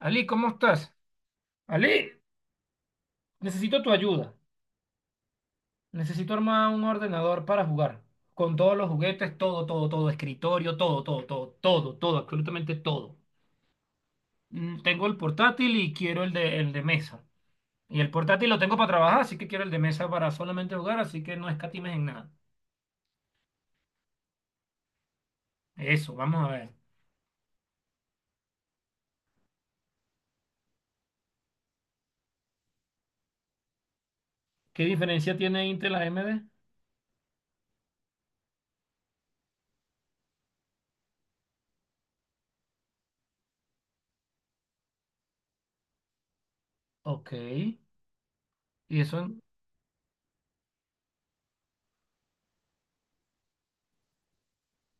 Ali, ¿cómo estás? Ali, necesito tu ayuda. Necesito armar un ordenador para jugar. Con todos los juguetes, todo, todo, todo, escritorio, todo, todo, todo, todo, todo, absolutamente todo. Tengo el portátil y quiero el de mesa. Y el portátil lo tengo para trabajar, así que quiero el de mesa para solamente jugar, así que no escatimes en nada. Eso, vamos a ver. ¿Qué diferencia tiene Intel a AMD? Ok. Eso, en-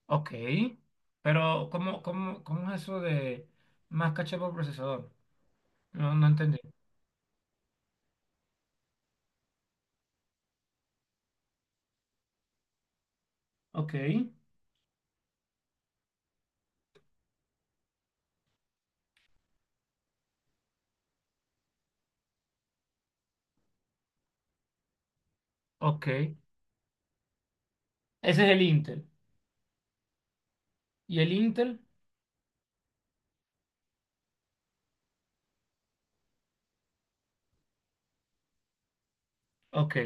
ok. Pero, ¿cómo es eso de más caché por procesador? No, no entendí. Ok, ok. Ese es el Intel. ¿Y el Intel? Ok.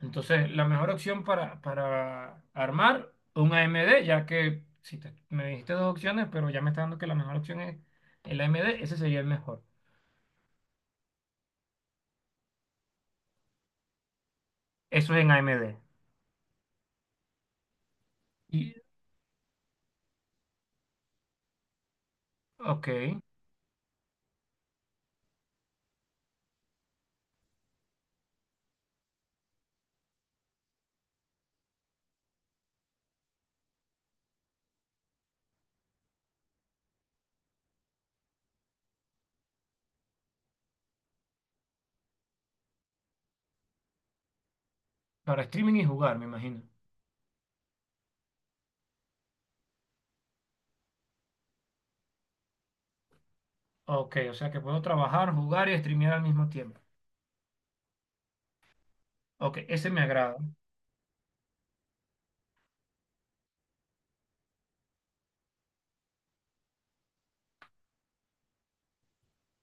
Entonces, la mejor opción para armar un AMD, ya que si me dijiste dos opciones, pero ya me está dando que la mejor opción es el AMD, ese sería el mejor. Eso es en AMD. Y, ok, para streaming y jugar, me imagino. Ok, o sea que puedo trabajar, jugar y streamear al mismo tiempo. Ok, ese me agrada.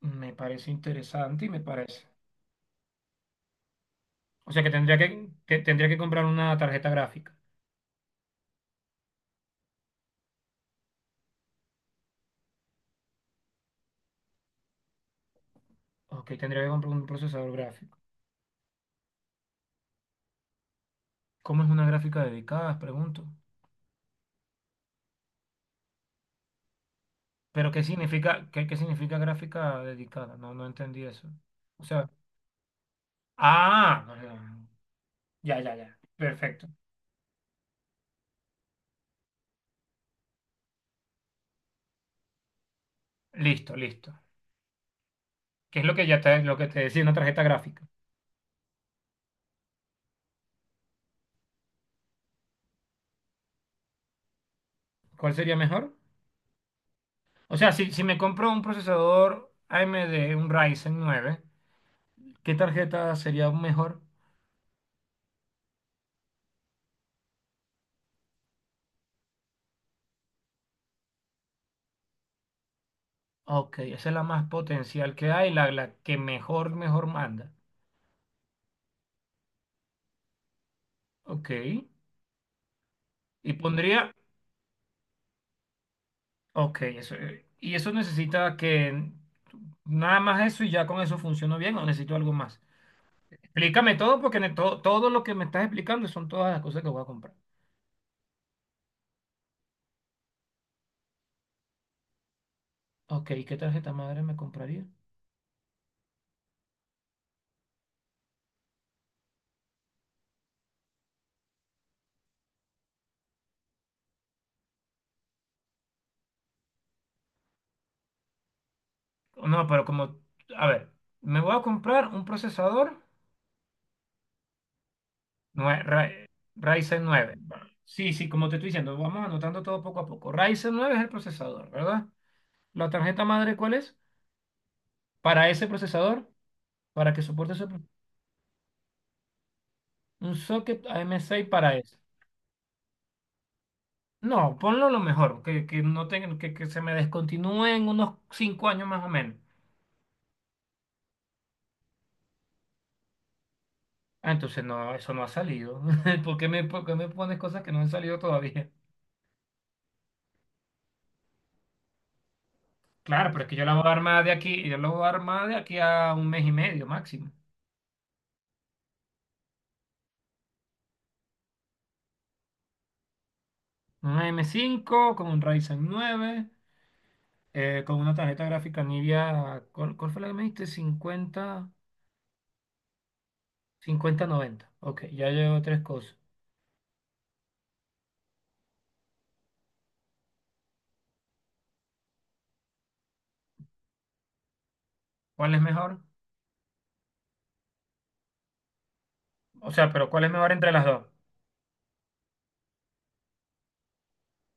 Me parece interesante y me parece. O sea que tendría que comprar una tarjeta gráfica. Ok, tendría que comprar un procesador gráfico. ¿Cómo es una gráfica dedicada? Pregunto. Pero ¿qué significa gráfica dedicada? No, no entendí eso. O sea, ah, no, no, no, ya, ya, ya. Perfecto. Listo, listo. ¿Qué es lo que te decía una tarjeta gráfica? ¿Cuál sería mejor? O sea, si me compro un procesador AMD, un Ryzen 9, ¿qué tarjeta sería mejor? Ok, esa es la más potencial que hay, la que mejor manda. Ok. Y pondría, Ok, eso. ¿Y eso necesita que nada más eso y ya con eso funciona bien o necesito algo más? Explícame todo porque todo, todo lo que me estás explicando son todas las cosas que voy a comprar. Ok, ¿qué tarjeta madre me compraría? No, pero como, a ver, me voy a comprar un procesador nue- Ra- Ryzen 9. Sí, sí, como te estoy diciendo, vamos anotando todo poco a poco. Ryzen 9 es el procesador, ¿verdad? ¿La tarjeta madre cuál es? Para ese procesador, para que soporte un socket AM6 para eso. No, ponlo lo mejor, que no tenga- que se me descontinúe en unos 5 años más o menos. Ah, entonces no, eso no ha salido. ¿Por qué me pones cosas que no han salido todavía? Claro, pero es que yo la voy a armar de aquí a un mes y medio máximo. Una M5 con un Ryzen 9, con una tarjeta gráfica Nvidia, ¿cuál fue la que me diste? 5090. Ok, ya llevo tres cosas. ¿Cuál es mejor? O sea, pero ¿cuál es mejor entre las dos?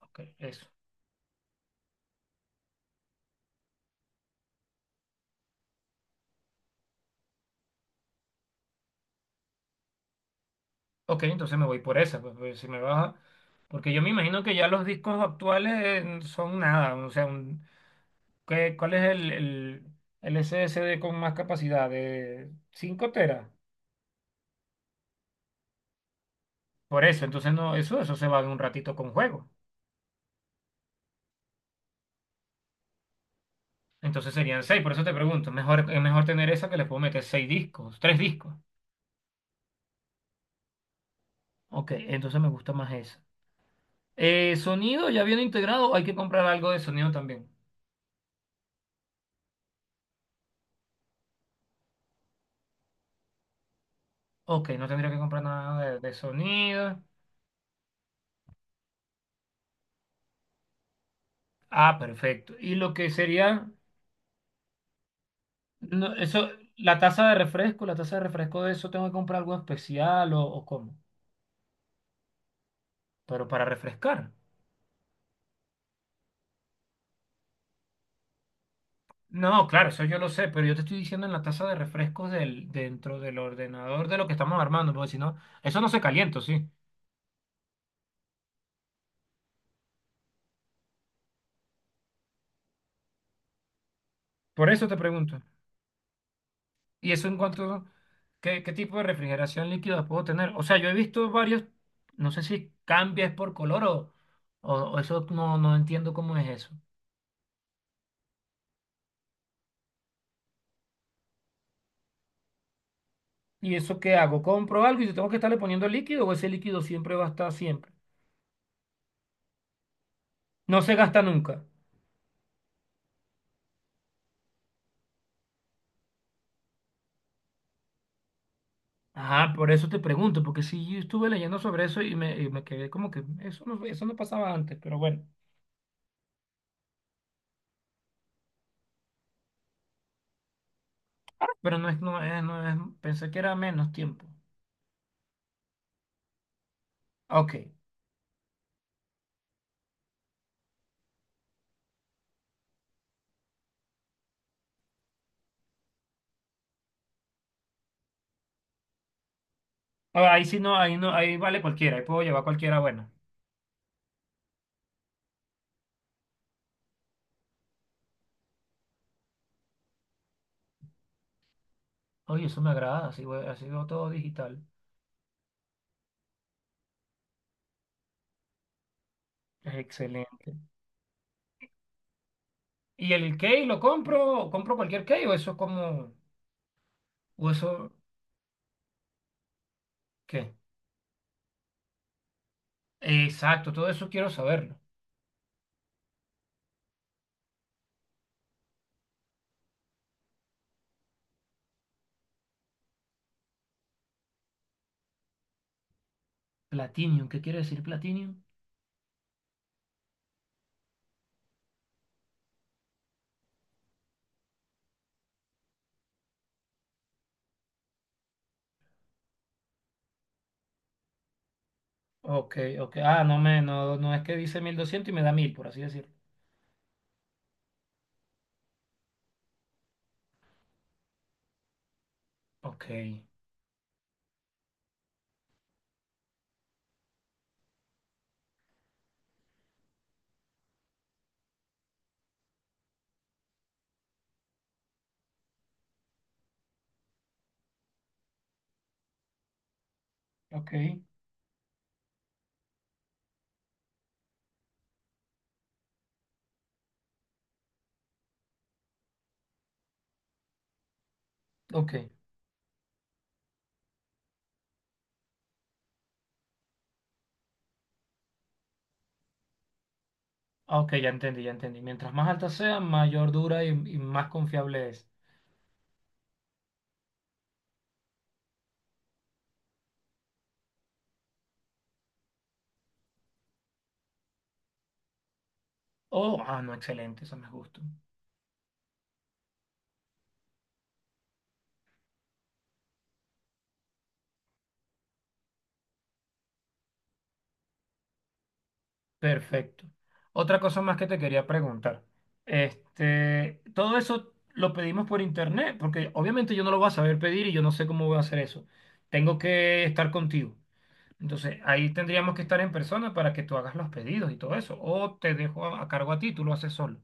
Ok, eso. Ok, entonces me voy por esa, pues, pues, si me baja. Porque yo me imagino que ya los discos actuales son nada. O sea, ¿Cuál es el SSD con más capacidad? De 5 teras. Por eso, entonces no, eso se va en un ratito con juego. Entonces serían 6, por eso te pregunto. Mejor, es mejor tener esa que le puedo meter 6 discos, 3 discos. Ok, entonces me gusta más esa. Sonido ya viene integrado, hay que comprar algo de sonido también. Ok, no tendría que comprar nada de sonido. Ah, perfecto. No, eso, la taza de refresco de eso, tengo que comprar algo especial o cómo. Pero para refrescar. No, claro, eso yo lo sé, pero yo te estoy diciendo en la taza de refrescos dentro del ordenador de lo que estamos armando, porque si no, eso no se calienta, sí. Por eso te pregunto. ¿Y eso en cuanto, qué tipo de refrigeración líquida puedo tener? O sea, yo he visto varios, no sé si cambias por color o, o eso no, no entiendo cómo es eso. ¿Y eso qué hago? ¿Compro algo y yo tengo que estarle poniendo líquido o ese líquido siempre va a estar siempre? No se gasta nunca. Ajá, por eso te pregunto, porque sí, yo estuve leyendo sobre eso y me quedé como que eso no pasaba antes, pero bueno. Pero no es, pensé que era menos tiempo. Ok. Ah, ahí no, ahí vale cualquiera, ahí puedo llevar cualquiera buena. Oye, eso me agrada, así, así veo todo digital. Es excelente. ¿Y el key lo compro? ¿Compro cualquier key o o eso qué? Exacto, todo eso quiero saberlo. Platinum, ¿qué quiere decir Platinum? Ok, ok. Ah, no me, no, no es que dice 1.200 y me da 1.000 por así decirlo. Ok, Ok, ok. Ah, Ok, ya entendí, ya entendí. Mientras más alta sea, mayor dura y más confiable es. Oh, ah, no, excelente, eso me gustó. Perfecto. Otra cosa más que te quería preguntar. Este, todo eso lo pedimos por internet, porque obviamente yo no lo voy a saber pedir y yo no sé cómo voy a hacer eso. Tengo que estar contigo. Entonces, ahí tendríamos que estar en persona para que tú hagas los pedidos y todo eso. O te dejo a cargo a ti, tú lo haces solo.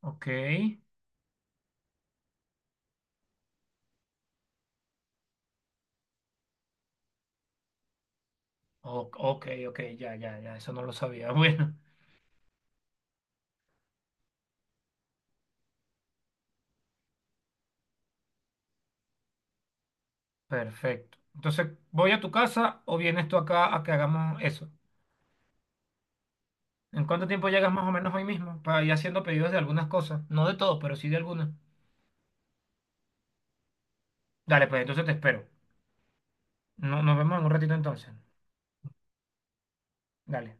Ok, ok, ok, ya, ya, ya, eso no lo sabía. Bueno, perfecto. Entonces, ¿voy a tu casa o vienes tú acá a que hagamos eso? ¿En cuánto tiempo llegas más o menos hoy mismo para ir haciendo pedidos de algunas cosas? No de todo, pero sí de algunas. Dale, pues entonces te espero. No, nos vemos en un ratito entonces. Dale.